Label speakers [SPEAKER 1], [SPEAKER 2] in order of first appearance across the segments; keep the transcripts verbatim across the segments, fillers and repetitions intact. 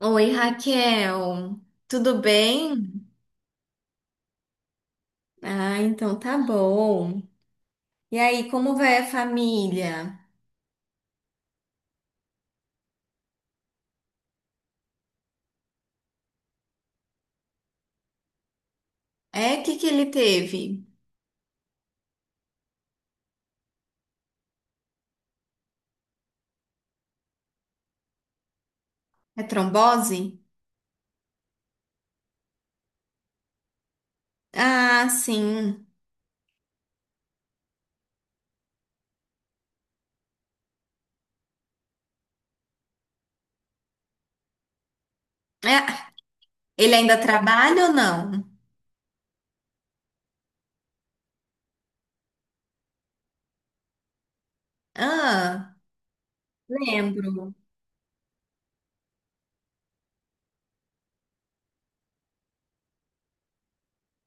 [SPEAKER 1] Oi, Raquel, tudo bem? Ah, então tá bom. E aí, como vai a família? É, o que que ele teve? É trombose? Ah, sim. É, ele ainda trabalha ou não? Ah, lembro.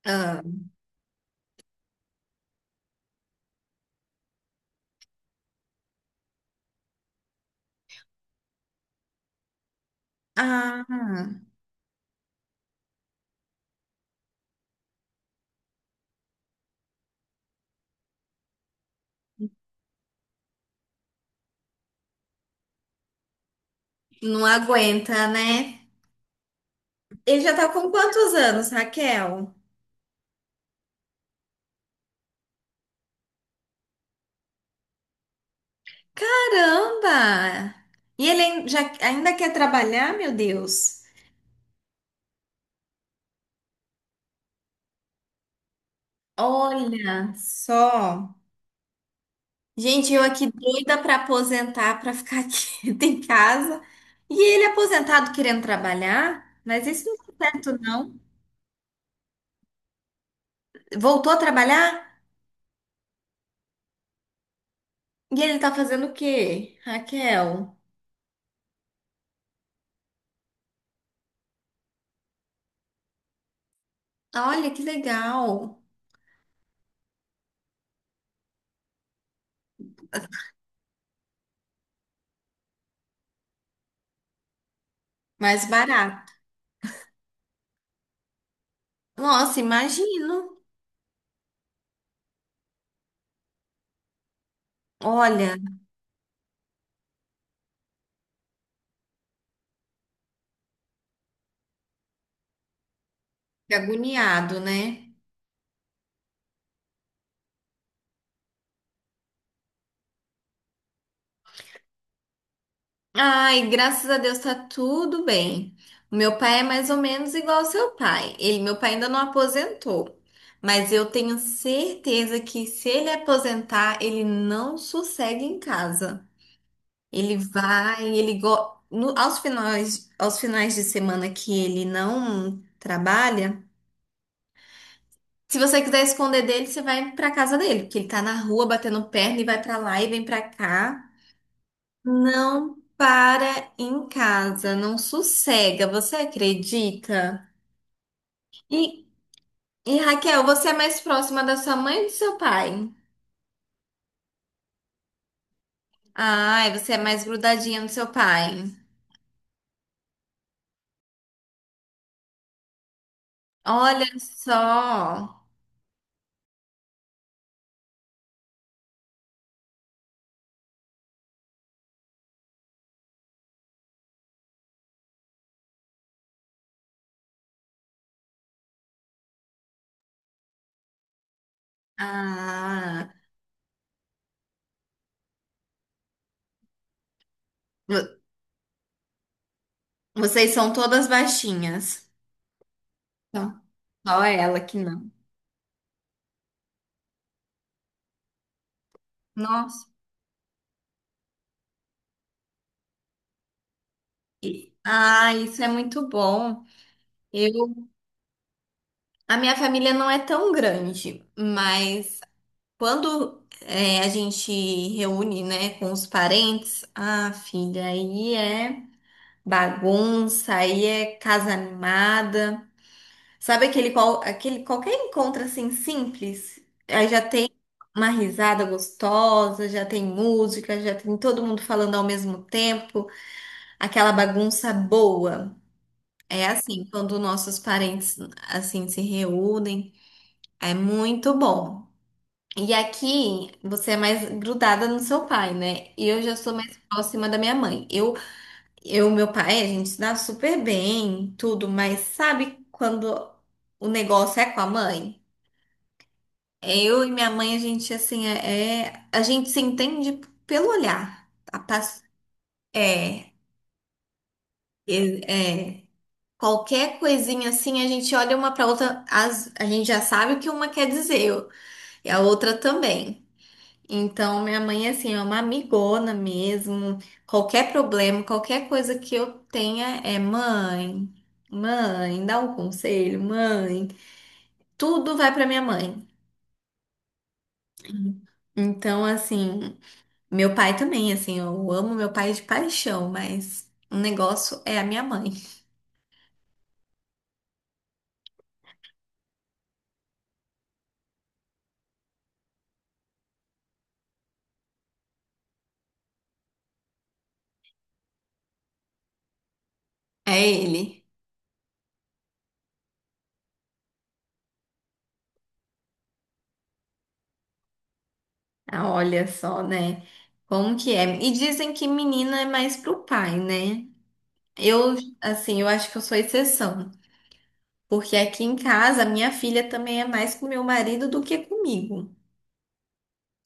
[SPEAKER 1] Ah, ah, não aguenta, né? Ele já tá com quantos anos, Raquel? Caramba! E ele ain- já, ainda quer trabalhar, meu Deus? Olha só. Gente, eu aqui doida pra aposentar, pra ficar aqui em casa. E ele aposentado querendo trabalhar, mas isso não é certo, não. Voltou a trabalhar? E ele tá fazendo o quê, Raquel? Olha que legal. Mais barato. Nossa, imagino. Olha, que agoniado, né? Ai, graças a Deus tá tudo bem. O meu pai é mais ou menos igual ao seu pai. Ele, meu pai ainda não aposentou, mas eu tenho certeza que se ele aposentar, ele não sossega em casa. Ele vai, ele go... no- Aos finais, aos finais de semana que ele não trabalha, se você quiser esconder dele, você vai pra casa dele, porque ele tá na rua batendo perna e vai pra lá e vem pra cá. Não para em casa, não sossega, você acredita? E, e Raquel, você é mais próxima da sua mãe ou do seu pai? Ai, você é mais grudadinha do seu pai. Olha só. Ah, vo- Vocês são todas baixinhas. Então, só ela que não. Nossa. E- Ah, isso é muito bom. Eu, a minha família não é tão grande, mas quando é, a gente reúne, né, com os parentes, ah, filha, aí é bagunça, aí é casa animada. Sabe aquele, qual, aquele qualquer encontro assim simples? Aí já tem uma risada gostosa, já tem música, já tem todo mundo falando ao mesmo tempo, aquela bagunça boa. É assim, quando nossos parentes assim se reúnem, é muito bom. E aqui você é mais grudada no seu pai, né? E eu já sou mais próxima da minha mãe. Eu, eu, meu pai, a gente se dá super bem, tudo, mas sabe quando o negócio é com a mãe? É. Eu e minha mãe, a gente assim é, é- a gente se entende pelo olhar. A pass- é, é, é. Qualquer coisinha assim, a gente olha uma pra outra, as- a gente já sabe o que uma quer dizer, e a outra também. Então, minha mãe, assim, é uma amigona mesmo. Qualquer problema, qualquer coisa que eu tenha é mãe, mãe, dá um conselho, mãe. Tudo vai pra minha mãe. Então, assim, meu pai também, assim, eu amo meu pai de paixão, mas o negócio é a minha mãe. É ele. Ah, olha só, né? Como que é? E dizem que menina é mais pro pai, né? Eu, assim, eu acho que eu sou exceção. Porque aqui em casa, a minha filha também é mais com meu marido do que comigo.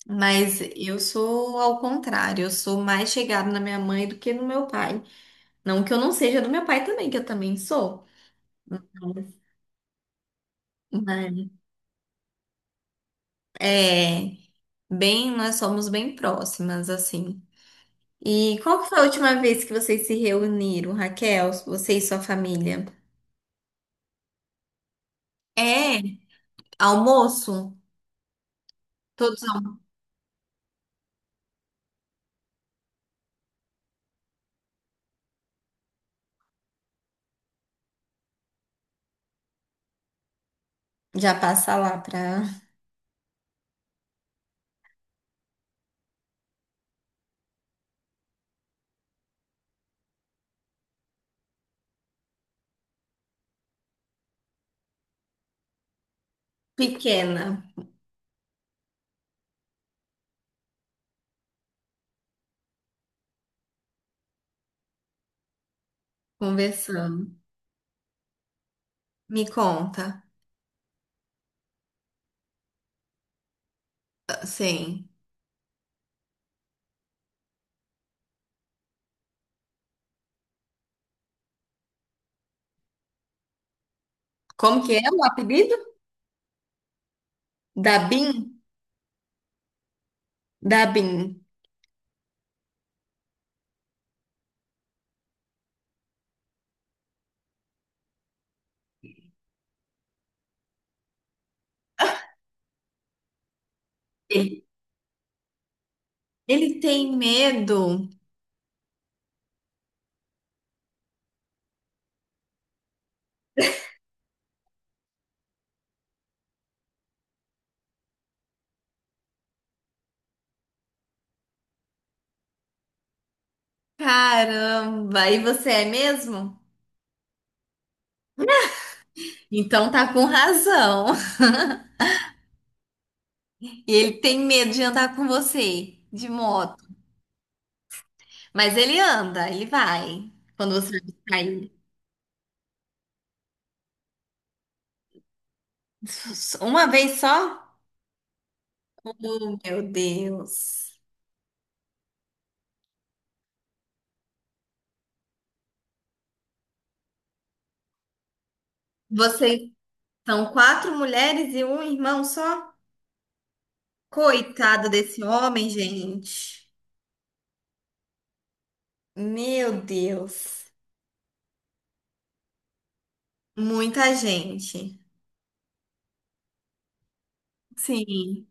[SPEAKER 1] Mas eu sou ao contrário, eu sou mais chegada na minha mãe do que no meu pai. Não que eu não seja do meu pai também, que eu também sou. Mas é bem, nós somos bem próximas, assim. E qual que foi a última vez que vocês se reuniram, Raquel? Você e sua família? É, almoço? Todos al- Já passa lá pra pequena conversando. Me conta. Sim. Como que é o apelido? Dabin? Dabin. Ele, Ele tem medo. Caramba, e você é mesmo? Então tá com razão. E ele tem medo de andar com você de moto. Mas ele anda, ele vai. Quando você vai buscar ele. Uma vez só? Oh, meu Deus. Vocês são quatro mulheres e um irmão só? Coitado desse homem, gente. Meu Deus. Muita gente. Sim,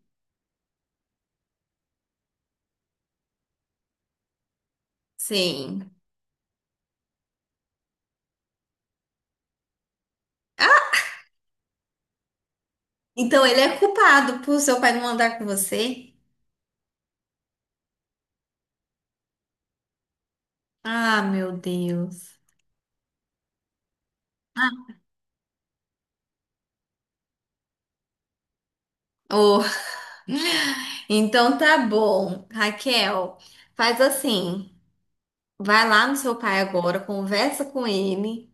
[SPEAKER 1] sim. Então ele é culpado por seu pai não andar com você? Ah, meu Deus. Oh, então tá bom, Raquel. Faz assim, vai lá no seu pai agora, conversa com ele,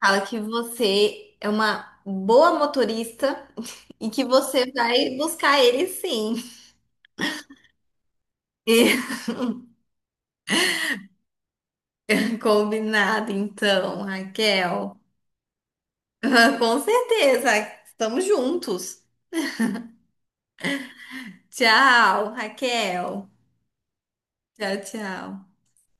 [SPEAKER 1] fala que você é uma boa motorista e que você vai buscar ele sim. E- Combinado, então, Raquel. Com certeza, estamos juntos. Tchau, Raquel. Tchau, tchau.